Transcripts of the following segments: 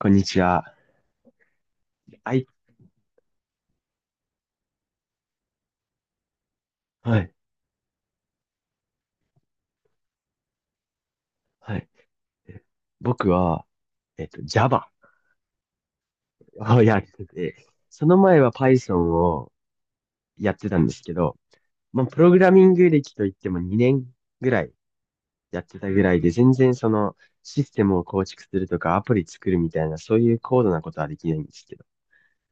こんにちは。はい。はい。はい。僕は、Java をやってて、その前は Python をやってたんですけど、まあ、プログラミング歴といっても2年ぐらいやってたぐらいで、全然そのシステムを構築するとかアプリ作るみたいな、そういう高度なことはできないんですけど、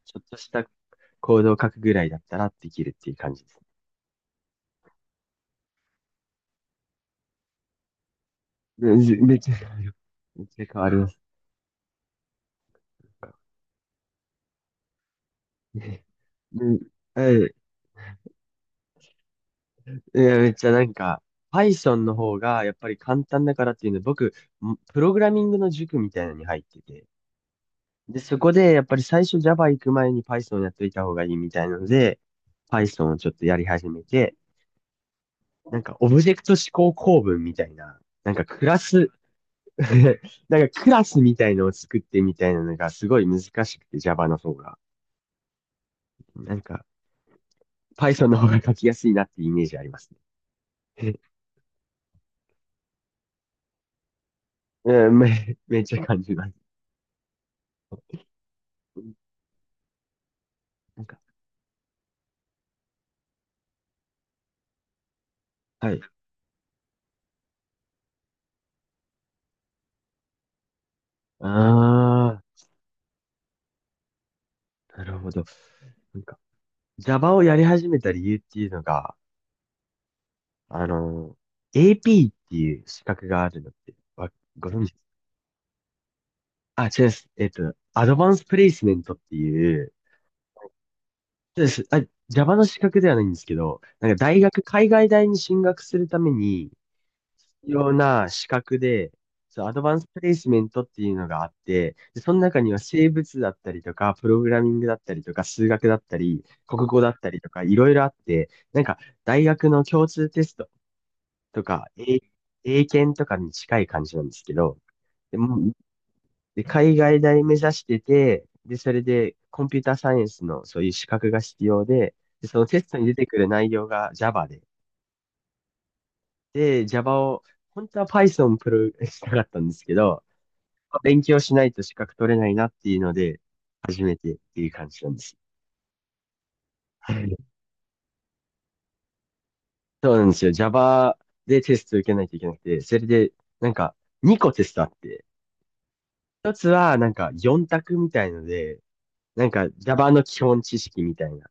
ちょっとしたコードを書くぐらいだったらできるっていう感じです。めめっちゃ、めっちゃ変わります。うん、いや、めっちゃなんか、Python の方がやっぱり簡単だからっていうので、僕、プログラミングの塾みたいなのに入ってて、で、そこでやっぱり最初 Java 行く前に Python やっといた方がいいみたいなので、Python をちょっとやり始めて、なんかオブジェクト指向構文みたいな、なんかクラス なんかクラスみたいのを作ってみたいなのがすごい難しくて Java の方が。なんか Python の方が書きやすいなっていうイメージありますね。うん、めっちゃ感じます。なんか、はい。ああ、なるほど。なんか、Java をやり始めた理由っていうのが、あの、AP っていう資格があるのって、ご存知です？あ、違います。アドバンスプレイスメントっていう、そうです。あ、Java の資格ではないんですけど、なんか大学、海外大に進学するために、必要な資格で、そう、アドバンスプレイスメントっていうのがあって、で、その中には生物だったりとか、プログラミングだったりとか、数学だったり、国語だったりとか、いろいろあって、なんか、大学の共通テストとか、英検とかに近い感じなんですけど、で、で、海外大目指してて、で、それで、コンピューターサイエンスのそういう資格が必要で、で、そのテストに出てくる内容が Java で、で、Java を、本当は Python したかったんですけど、勉強しないと資格取れないなっていうので、初めてっていう感じなんです。はい。そうなんですよ。Java でテスト受けないといけなくて、それで、なんか、2個テストあって、1つは、なんか、4択みたいので、なんか、Java の基本知識みたいな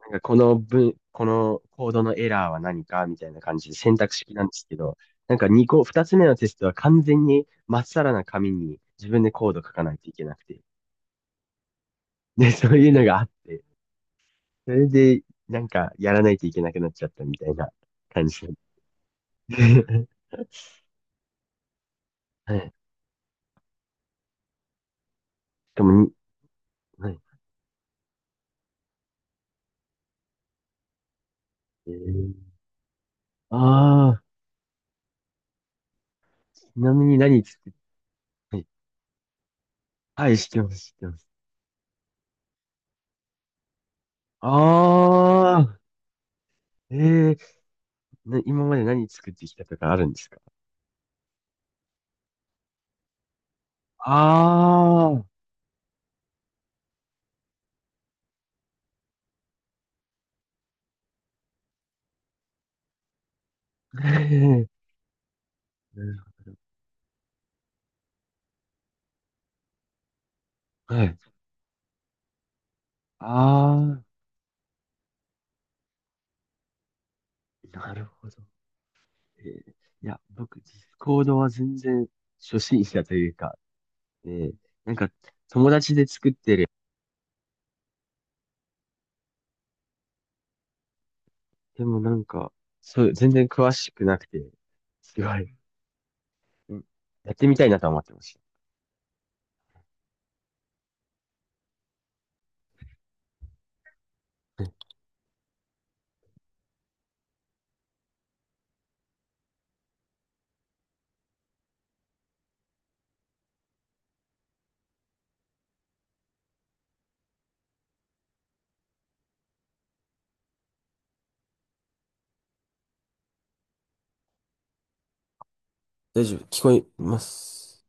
なんかこのコードのエラーは何かみたいな感じで選択式なんですけど、なんか2つ目のテストは完全にまっさらな紙に自分でコード書かないといけなくて。で、そういうのがあって、それでなんかやらないといけなくなっちゃったみたいな感じで。はい。しかもに、はい。えー、ああ、ちなみに何作って、はい。はい、知ってます、知ってます。ああ、ええ、ー、今まで何作ってきたとかあるんですか？あ、ええ、はい。ああ、なるほど。えーいや、僕、ディスコードは全然初心者というか、えーなんか、友達で作ってる。でもなんか、そう、全然詳しくなくて、すごい、うん、やってみたいなとは思ってました。うん、大丈夫、聞こえます。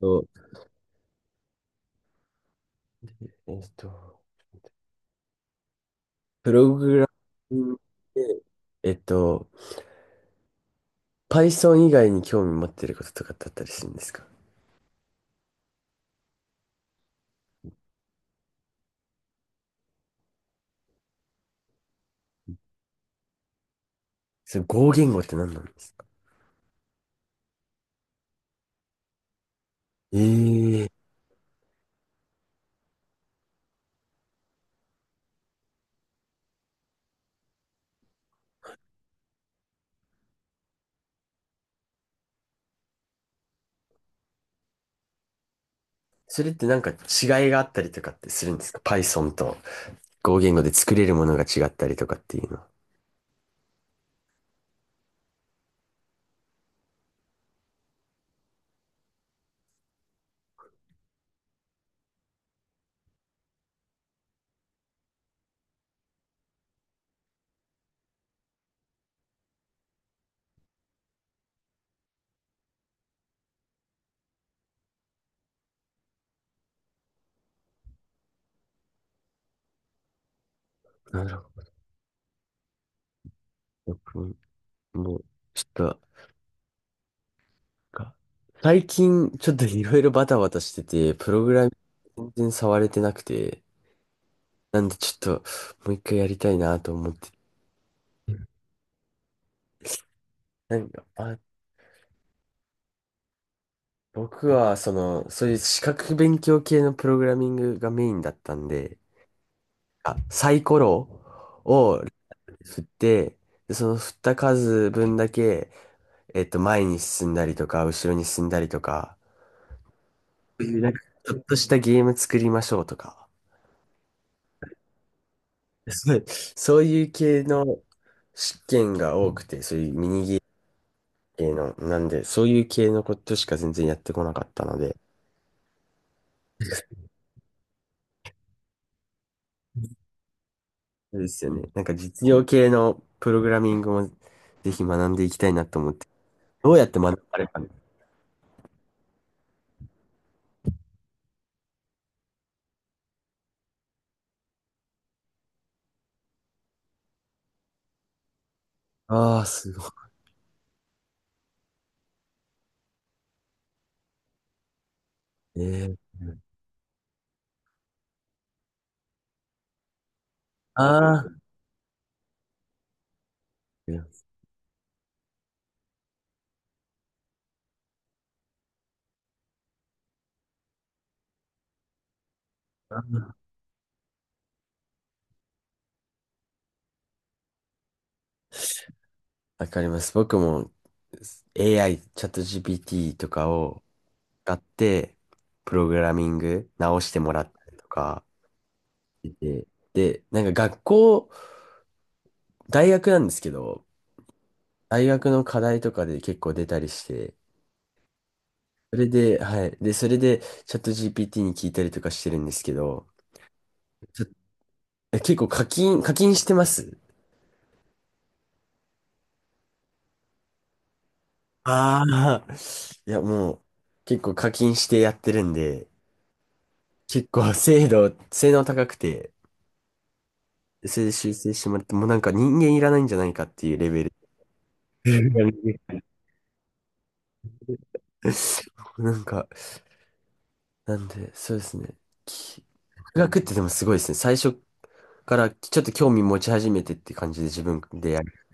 とえっと、プログラミングで、えっと、Python 以外に興味持ってることとかあったりするんですか？それ合言語って何なんですか？ええ、それってなんか違いがあったりとかってするんですか？ Python と合言語で作れるものが違ったりとかっていうのは。なるほど。僕、もう、ちょっと、か最近、ちょっといろいろバタバタしてて、プログラミング全然触れてなくて、なんでちょっと、もう一回やりたいなと思って。なんか、あ、僕は、その、そういう資格勉強系のプログラミングがメインだったんで、あ、サイコロを振って、で、その振った数分だけ、前に進んだりとか、後ろに進んだりとか、そういうなんか、ちょっとしたゲーム作りましょうとか、そうそういう系の試験が多くて、そういうミニゲ系の、なんで、そういう系のことしか全然やってこなかったので、そうですよね。なんか実用系のプログラミングもぜひ学んでいきたいなと思って。どうやって学ばれたの？ああー、すごい。あいや、あー、わかります。僕も AI、チャット GPT とかを使って、プログラミング直してもらったりとかしてて、で、なんか学校、大学なんですけど、大学の課題とかで結構出たりして、それで、はい。で、それで、チャット GPT に聞いたりとかしてるんですけど、ちょえ結構課金してます？ああー、いや、もう、結構課金してやってるんで、結構 精度、性能高くて、それで修正してもらって、もうなんか人間いらないんじゃないかっていうレベル。なんか、なんで、そうですね。き独学ってでもすごいですね。最初からちょっと興味持ち始めてって感じで自分でやる。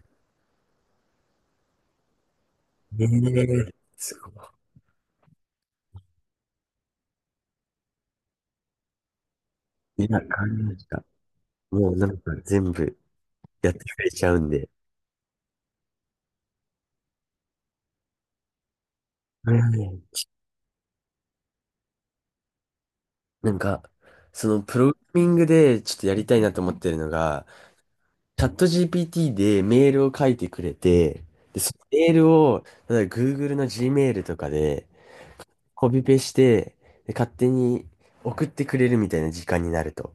ええ、すごい。いや、変わりました。もうなんか全部やってくれちゃうんで。はい、はい、はい。なんか、そのプログラミングでちょっとやりたいなと思ってるのが、チャット GPT でメールを書いてくれて、で、そのメールを、例えば Google の Gmail とかでコピペして、で、勝手に送ってくれるみたいな時間になると。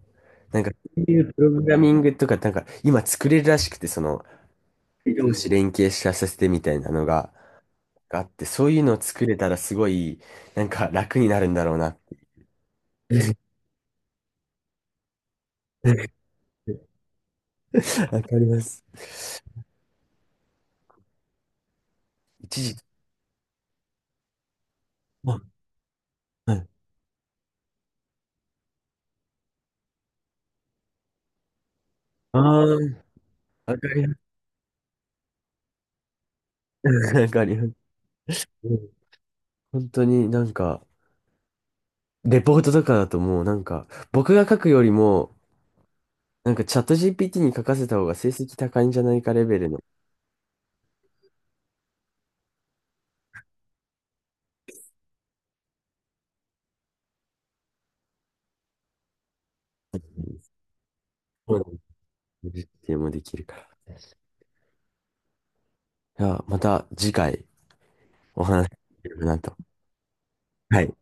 なんか、そういうプログラミングとか、なんか今作れるらしくて、その、同士連携させてみたいなのが、があって、そういうのを作れたらすごい、なんか楽になるんだろうな。わかります。一時、あ、はい。ああ、わかります。わかります。うん、本当になんか、レポートとかだともうなんか、僕が書くよりも、なんかチャット GPT に書かせた方が成績高いんじゃないかレベルの、そうなんです。実験もできるから、じゃあ、また次回お話しできればなと。はい。